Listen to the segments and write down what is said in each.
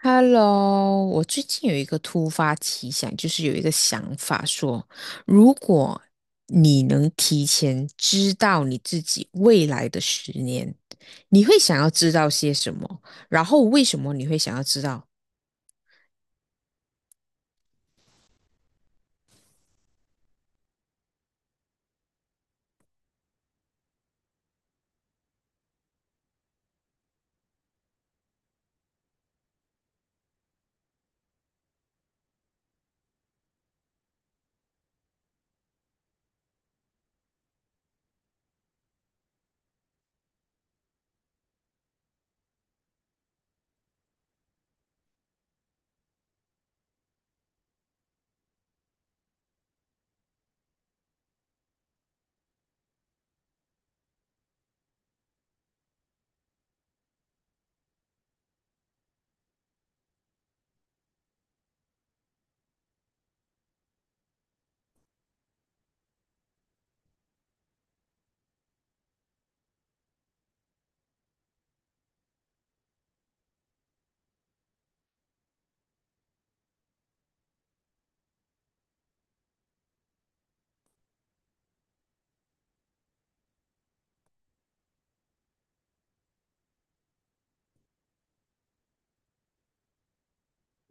Hello，我最近有一个突发奇想，就是有一个想法说，如果你能提前知道你自己未来的十年，你会想要知道些什么？然后为什么你会想要知道？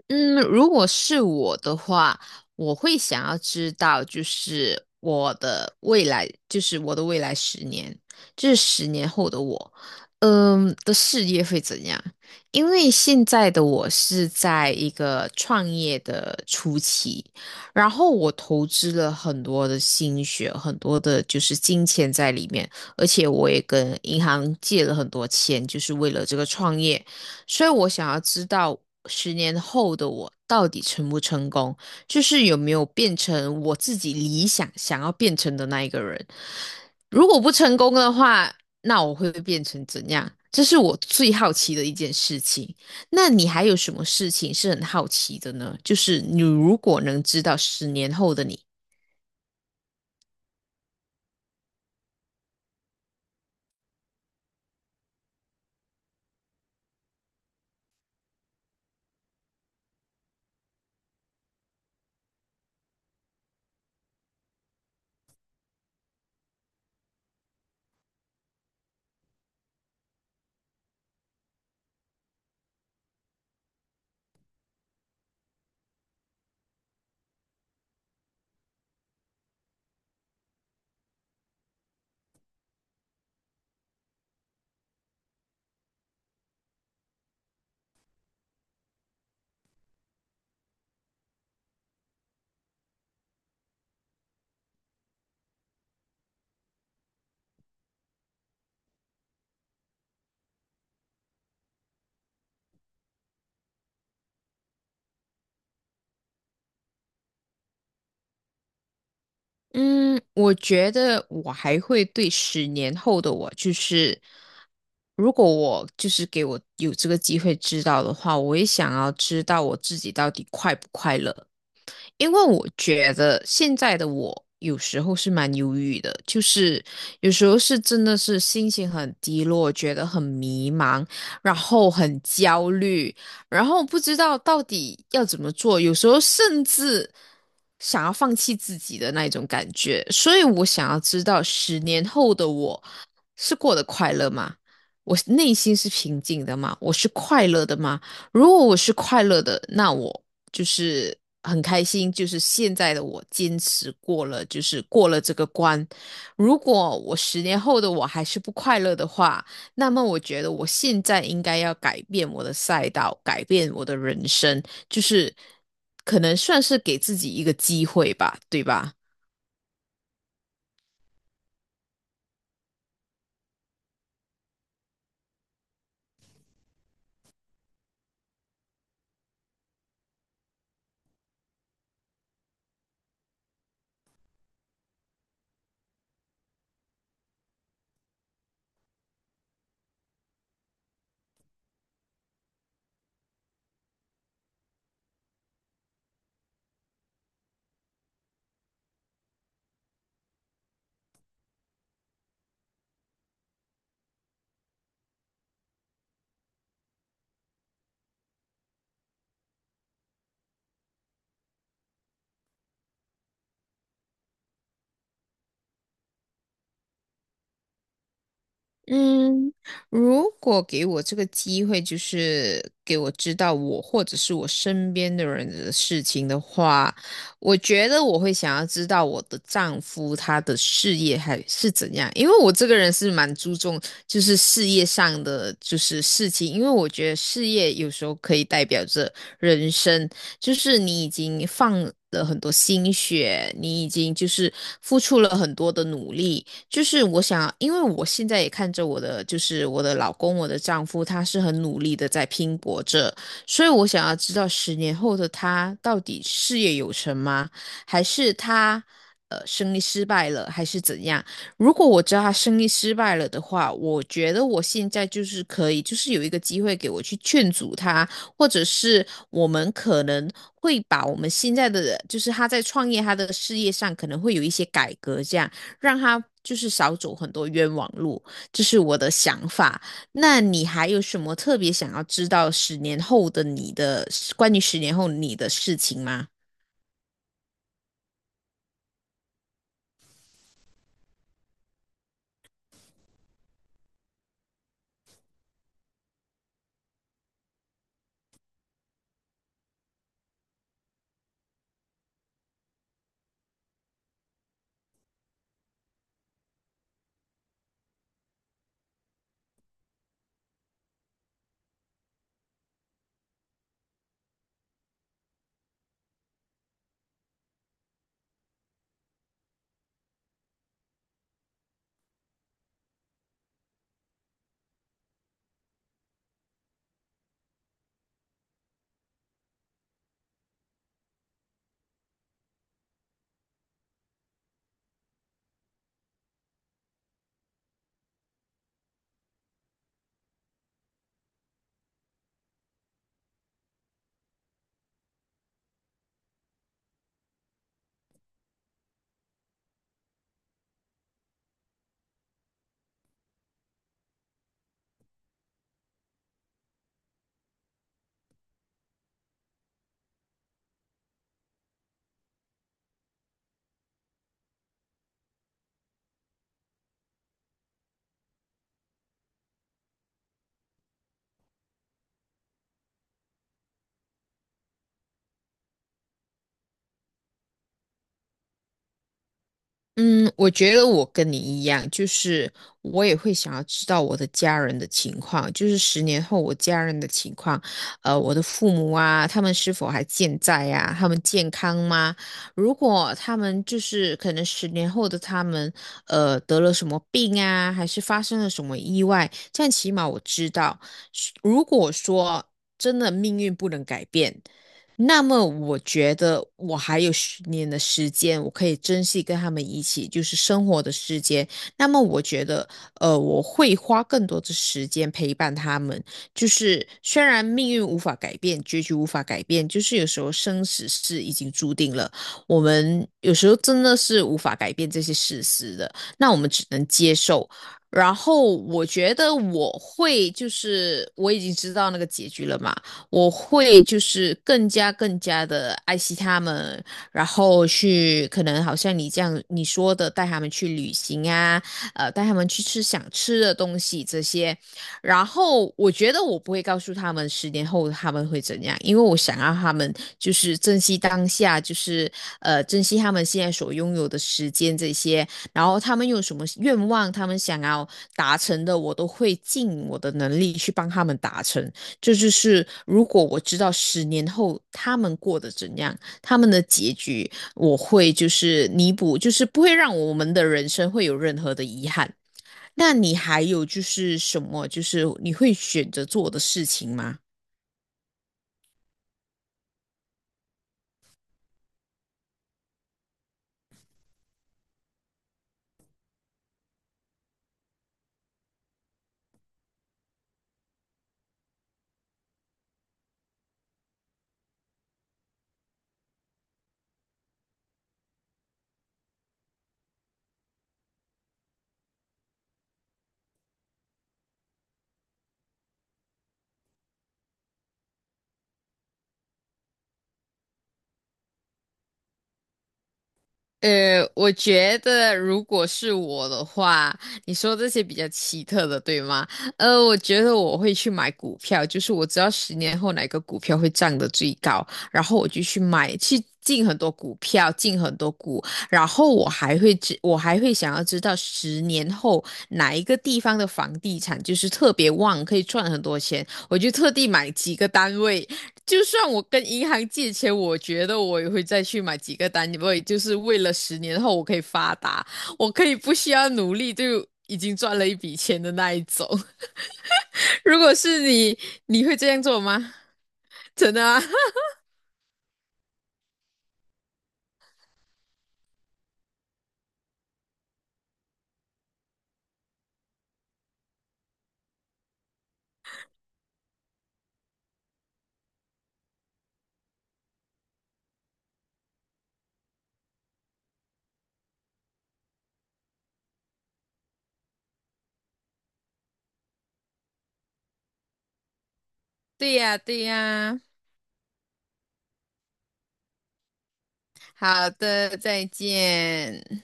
嗯，如果是我的话，我会想要知道，就是我的未来，就是我的未来十年，就是十年后的我，的事业会怎样？因为现在的我是在一个创业的初期，然后我投资了很多的心血，很多的就是金钱在里面，而且我也跟银行借了很多钱，就是为了这个创业。所以我想要知道十年后的我到底成不成功，就是有没有变成我自己理想想要变成的那一个人。如果不成功的话，那我会变成怎样？这是我最好奇的一件事情。那你还有什么事情是很好奇的呢？就是你如果能知道十年后的你，嗯，我觉得我还会对十年后的我，就是如果我就是给我有这个机会知道的话，我也想要知道我自己到底快不快乐。因为我觉得现在的我有时候是蛮忧郁的，就是有时候是真的是心情很低落，觉得很迷茫，然后很焦虑，然后不知道到底要怎么做，有时候甚至想要放弃自己的那一种感觉。所以我想要知道，十年后的我是过得快乐吗？我内心是平静的吗？我是快乐的吗？如果我是快乐的，那我就是很开心，就是现在的我坚持过了，就是过了这个关。如果我十年后的我还是不快乐的话，那么我觉得我现在应该要改变我的赛道，改变我的人生，就是可能算是给自己一个机会吧，对吧？嗯，如果给我这个机会，就是给我知道我或者是我身边的人的事情的话，我觉得我会想要知道我的丈夫他的事业还是怎样，因为我这个人是蛮注重就是事业上的就是事情，因为我觉得事业有时候可以代表着人生，就是你已经放了很多心血，你已经就是付出了很多的努力。就是我想，因为我现在也看着我的，就是我的老公，我的丈夫，他是很努力的在拼搏着，所以我想要知道十年后的他到底事业有成吗？还是他生意失败了，还是怎样？如果我知道他生意失败了的话，我觉得我现在就是可以，就是有一个机会给我去劝阻他，或者是我们可能会把我们现在的，就是他在创业他的事业上可能会有一些改革，这样。让他就是少走很多冤枉路，这是我的想法。那你还有什么特别想要知道十年后的你的关于十年后你的事情吗？嗯，我觉得我跟你一样，就是我也会想要知道我的家人的情况，就是十年后我家人的情况，我的父母啊，他们是否还健在呀、他们健康吗？如果他们就是可能十年后的他们，得了什么病啊，还是发生了什么意外，这样起码我知道。是如果说真的命运不能改变，那么我觉得我还有十年的时间，我可以珍惜跟他们一起就是生活的时间。那么我觉得，我会花更多的时间陪伴他们。就是虽然命运无法改变，结局无法改变，就是有时候生死是已经注定了，我们有时候真的是无法改变这些事实的，那我们只能接受。然后我觉得我会就是我已经知道那个结局了嘛。我会就是更加更加的爱惜他们，然后去可能好像你这样你说的，带他们去旅行啊，带他们去吃想吃的东西这些。然后我觉得我不会告诉他们十年后他们会怎样，因为我想让他们就是珍惜当下，就是珍惜他们现在所拥有的时间这些。然后他们有什么愿望，他们想要达成的，我都会尽我的能力去帮他们达成。这就是如果我知道十年后他们过得怎样，他们的结局，我会就是弥补，就是不会让我们的人生会有任何的遗憾。那你还有就是什么，就是你会选择做的事情吗？我觉得如果是我的话，你说这些比较奇特的，对吗？我觉得我会去买股票，就是我知道十年后哪个股票会涨得最高，然后我就去买，去进很多股票，进很多股，然后我还会想要知道十年后哪一个地方的房地产就是特别旺，可以赚很多钱，我就特地买几个单位，就算我跟银行借钱，我觉得我也会再去买几个单位，因为就是为了十年后我可以发达，我可以不需要努力就已经赚了一笔钱的那一种。如果是你，你会这样做吗？真的啊？对呀，对呀。好的，再见。